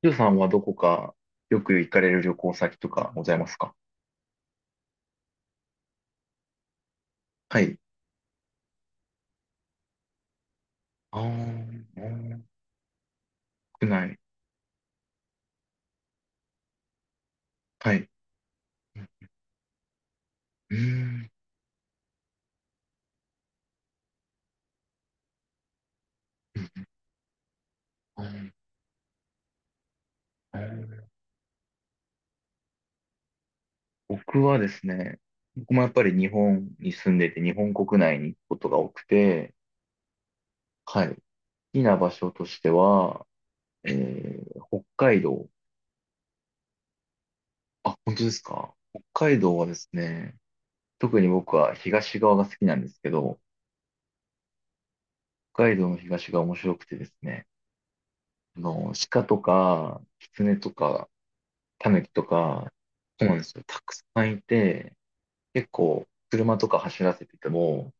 ゆうさんはどこかよく行かれる旅行先とかございますか？はい。あーあー、国内。はい。うーん。あーあー僕はですね、僕もやっぱり日本に住んでて、日本国内に行くことが多くて、はい。好きな場所としては、北海道。あ、本当ですか？北海道はですね、特に僕は東側が好きなんですけど、北海道の東が面白くてですね、鹿とか、狐とか、タヌキとか、そうなんですよ。たくさんいて、結構、車とか走らせてても、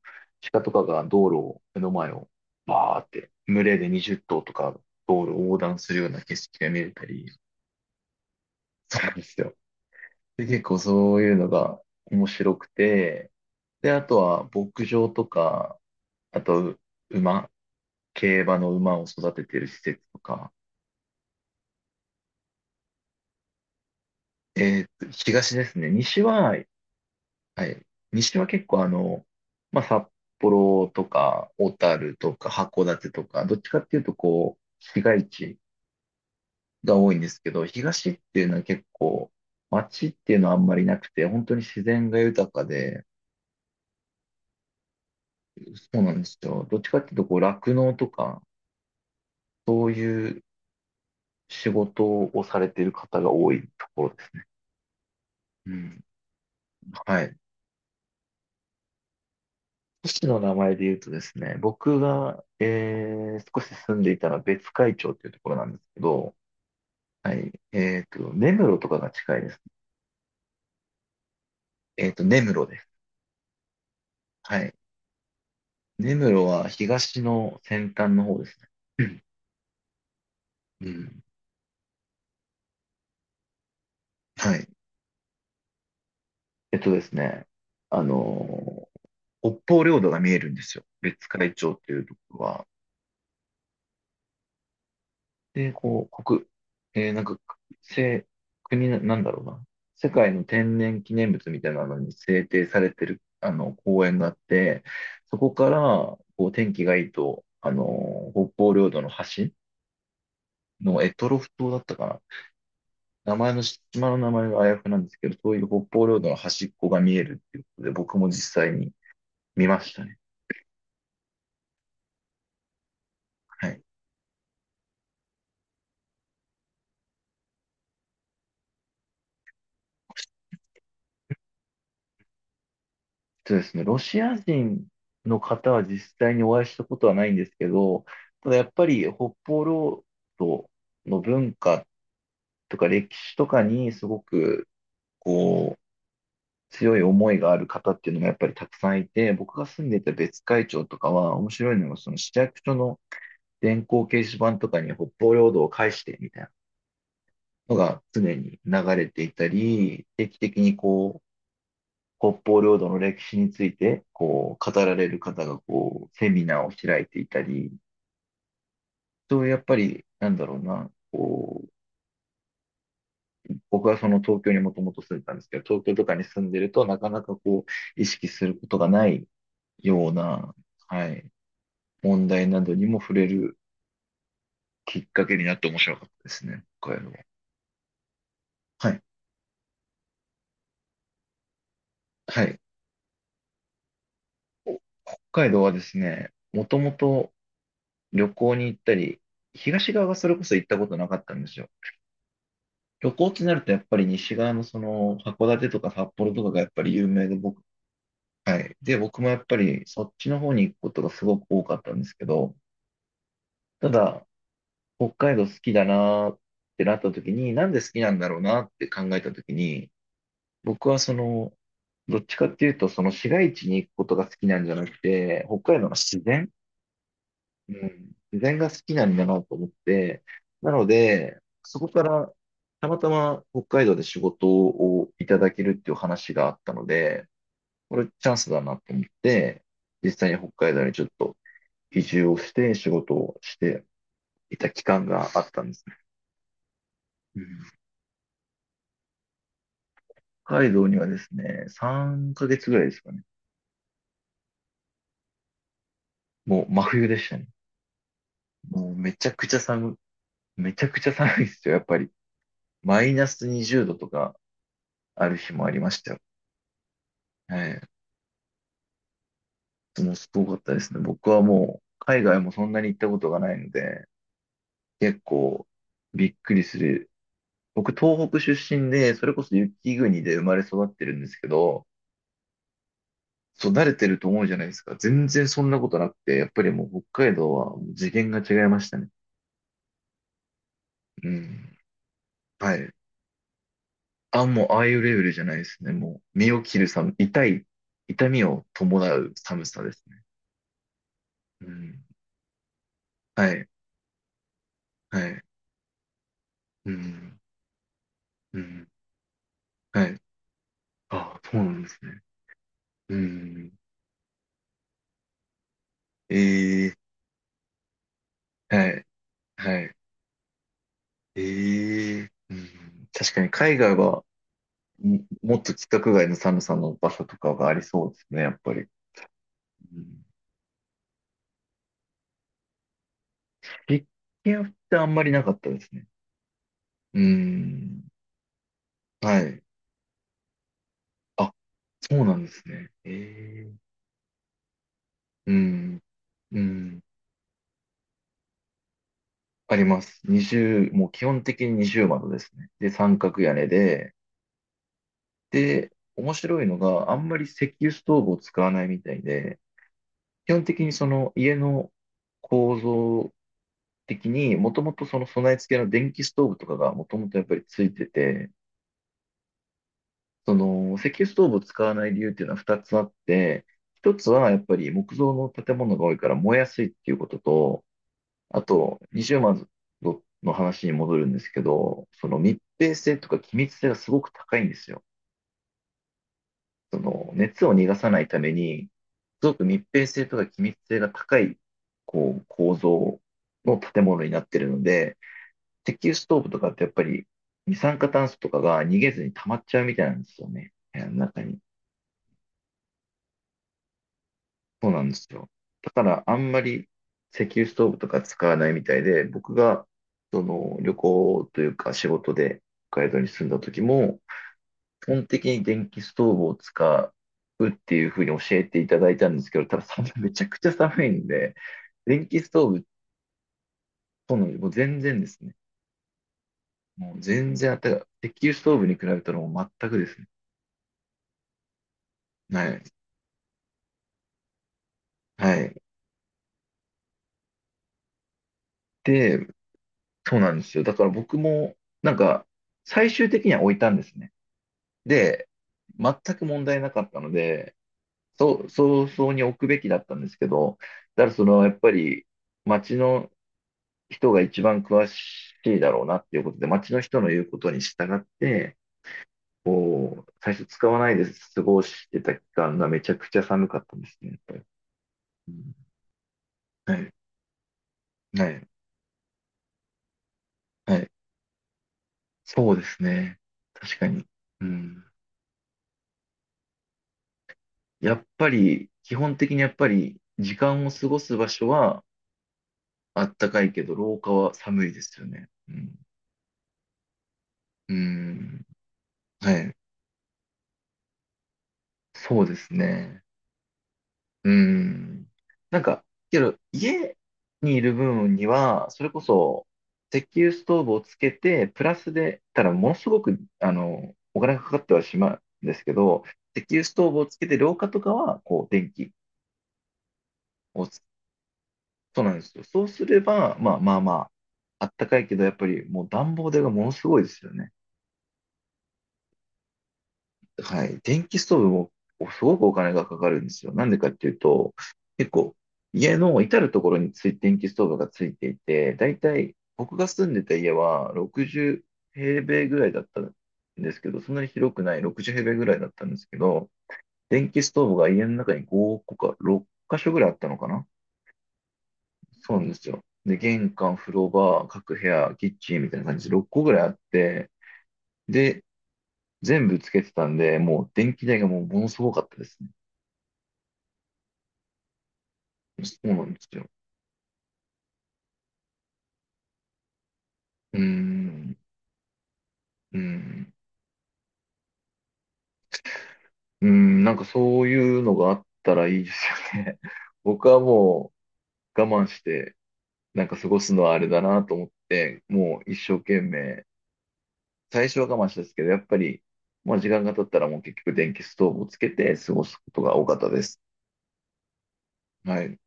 鹿とかが道路を、目の前を、バーって、群れで20頭とか、道路を横断するような景色が見れたり、そうなんですよ。で、結構そういうのが面白くて、で、あとは牧場とか、あと、馬、競馬の馬を育ててる施設とか、東ですね。はい。西は結構まあ、札幌とか、小樽とか、函館とか、どっちかっていうとこう、市街地が多いんですけど、東っていうのは結構、街っていうのはあんまりなくて、本当に自然が豊かで、そうなんですよ。どっちかっていうとこう、酪農とか、そういう仕事をされている方が多いところです。うん。はい。都市の名前で言うとですね、僕が、少し住んでいたのは別海町っていうところなんですけど、はい。根室とかが近いです。根室です。はい。根室は東の先端の方ですね。うん。うん。はい。えっとですね、あのー北方領土が見えるんですよ。別海町っていうところは。で、こう、国、えーなんか、せ、国な、なんだろうな。世界の天然記念物みたいなのに制定されてる、あの、公園があって、そこから、こう、天気がいいと、北方領土の端、の択トロフ島だったかな。名前の、島の名前があやふなんですけど、そういう北方領土の端っこが見えるっていうことで、僕も実際に見ましたね。はい。そうですね、ロシア人の方は実際にお会いしたことはないんですけど、ただやっぱり北方領土の文化とか歴史とかにすごくこう強い思いがある方っていうのがやっぱりたくさんいて、僕が住んでいた別海町とかは面白いのがその市役所の電光掲示板とかに北方領土を返してみたいなのが常に流れていたり、定期的にこう、北方領土の歴史について、こう、語られる方が、こう、セミナーを開いていたり、そういうやっぱり、なんだろうな、こう、僕はその東京にもともと住んでたんですけど、東京とかに住んでると、なかなかこう、意識することがないような、はい、問題などにも触れるきっかけになって面白かったですね、こういうのは。はい。はい。北海道はですね、もともと旅行に行ったり、東側がそれこそ行ったことなかったんですよ。旅行ってなるとやっぱり西側のその函館とか札幌とかがやっぱり有名ではい。で、僕もやっぱりそっちの方に行くことがすごく多かったんですけど、ただ北海道好きだなーってなった時に、なんで好きなんだろうなって考えた時に、僕はその、どっちかっていうとその市街地に行くことが好きなんじゃなくて、北海道の自然が好きなんだなと思って、なので、そこからたまたま北海道で仕事をいただけるっていう話があったので、これチャンスだなと思って、実際に北海道にちょっと移住をして仕事をしていた期間があったんですね。うん、北海道にはですね、3ヶ月ぐらいですかね。もう真冬でしたね。もうめちゃくちゃ寒、いめちゃくちゃ寒いですよ、やっぱり。マイナス20度とかある日もありましたよ。はい。もうすごかったですね。僕はもう、海外もそんなに行ったことがないので、結構びっくりする。僕、東北出身で、それこそ雪国で生まれ育ってるんですけど、そう、慣れてると思うじゃないですか。全然そんなことなくて、やっぱりもう北海道はもう次元が違いましたね。うん。はい。あ、もうああいうレベルじゃないですね。もう、身を切る痛い、痛みを伴う寒さですね。うん。はい。はい。うん。うん。はい。あ、そうなんですね。うん。ええ、はい、はい。ええ、うん。確かに海外は、もっと規格外の寒さの場所とかがありそうですね、やっぱり。うん。実験ってあんまりなかったですね。うん。はい。あ、そうなんですね。ええ、うん。うん。あります。0、もう基本的に二重窓ですね。で、三角屋根で、で、面白いのが、あんまり石油ストーブを使わないみたいで、基本的にその家の構造的に、もともとその備え付けの電気ストーブとかがもともとやっぱりついてて、その石油ストーブを使わない理由っていうのは2つあって、1つはやっぱり木造の建物が多いから燃えやすいっていうことと、あと、二重窓の話に戻るんですけど、その密閉性とか気密性がすごく高いんですよ。その熱を逃がさないために、すごく密閉性とか気密性が高い、こう、構造の建物になってるので、石油ストーブとかってやっぱり二酸化炭素とかが逃げずに溜まっちゃうみたいなんですよね。部屋の中に。そうなんですよ。だからあんまり石油ストーブとか使わないみたいで、僕がその旅行というか仕事で北海道に住んだ時も、基本的に電気ストーブを使うっていうふうに教えていただいたんですけど、ただ 寒い、めちゃくちゃ寒いんで、電気ストーブとの、もう全然ですね。もう全然あったかい。石油ストーブに比べたらもう全くですね。はい。はい。で、そうなんですよ。だから僕も、なんか、最終的には置いたんですね。で、全く問題なかったので、そう、早々に置くべきだったんですけど、だからその、やっぱり、街の人が一番詳しいだろうなっていうことで、町の人の言うことに従って、こう、最初使わないで過ごしてた期間がめちゃくちゃ寒かったんですね、やっぱり。うん。はい、はい、はい。そうですね。確かに。うん。やっぱり、基本的にやっぱり、時間を過ごす場所はあったかいけど、廊下は寒いですよね。うん。うん。はい。そうですね。うん。なんか、けど、家にいる分には、それこそ、石油ストーブをつけて、プラスで、ただ、ものすごく、あの、お金がかかってはしまうんですけど、石油ストーブをつけて、廊下とかは、こう、電気をつ、そうなんですよ。そうすれば、まあまあまあ、あったかいけど、やっぱり、もう暖房代がものすごいですよね。はい。電気ストーブもすごくお金がかかるんですよ。なんでかっていうと、結構、家の至るところについ電気ストーブがついていて、だいたい僕が住んでた家は60平米ぐらいだったんですけど、そんなに広くない60平米ぐらいだったんですけど、電気ストーブが家の中に5個か6箇所ぐらいあったのかな。そうなんですよ。で、玄関、風呂場、各部屋、キッチンみたいな感じで6個ぐらいあって、で、全部つけてたんで、もう電気代がもうものすごかったですね。そうなんですよ。うーん、うん、うん、なんかそういうのがあったらいいですよね。僕はもう我慢して、なんか過ごすのはあれだなと思って、もう一生懸命、最初は我慢したんですけど、やっぱり、まあ時間が経ったらもう結局電気ストーブをつけて過ごすことが多かったです。はい。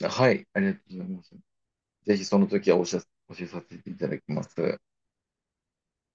はい、ありがとうございます。ぜひその時はお知らせさせていただきます。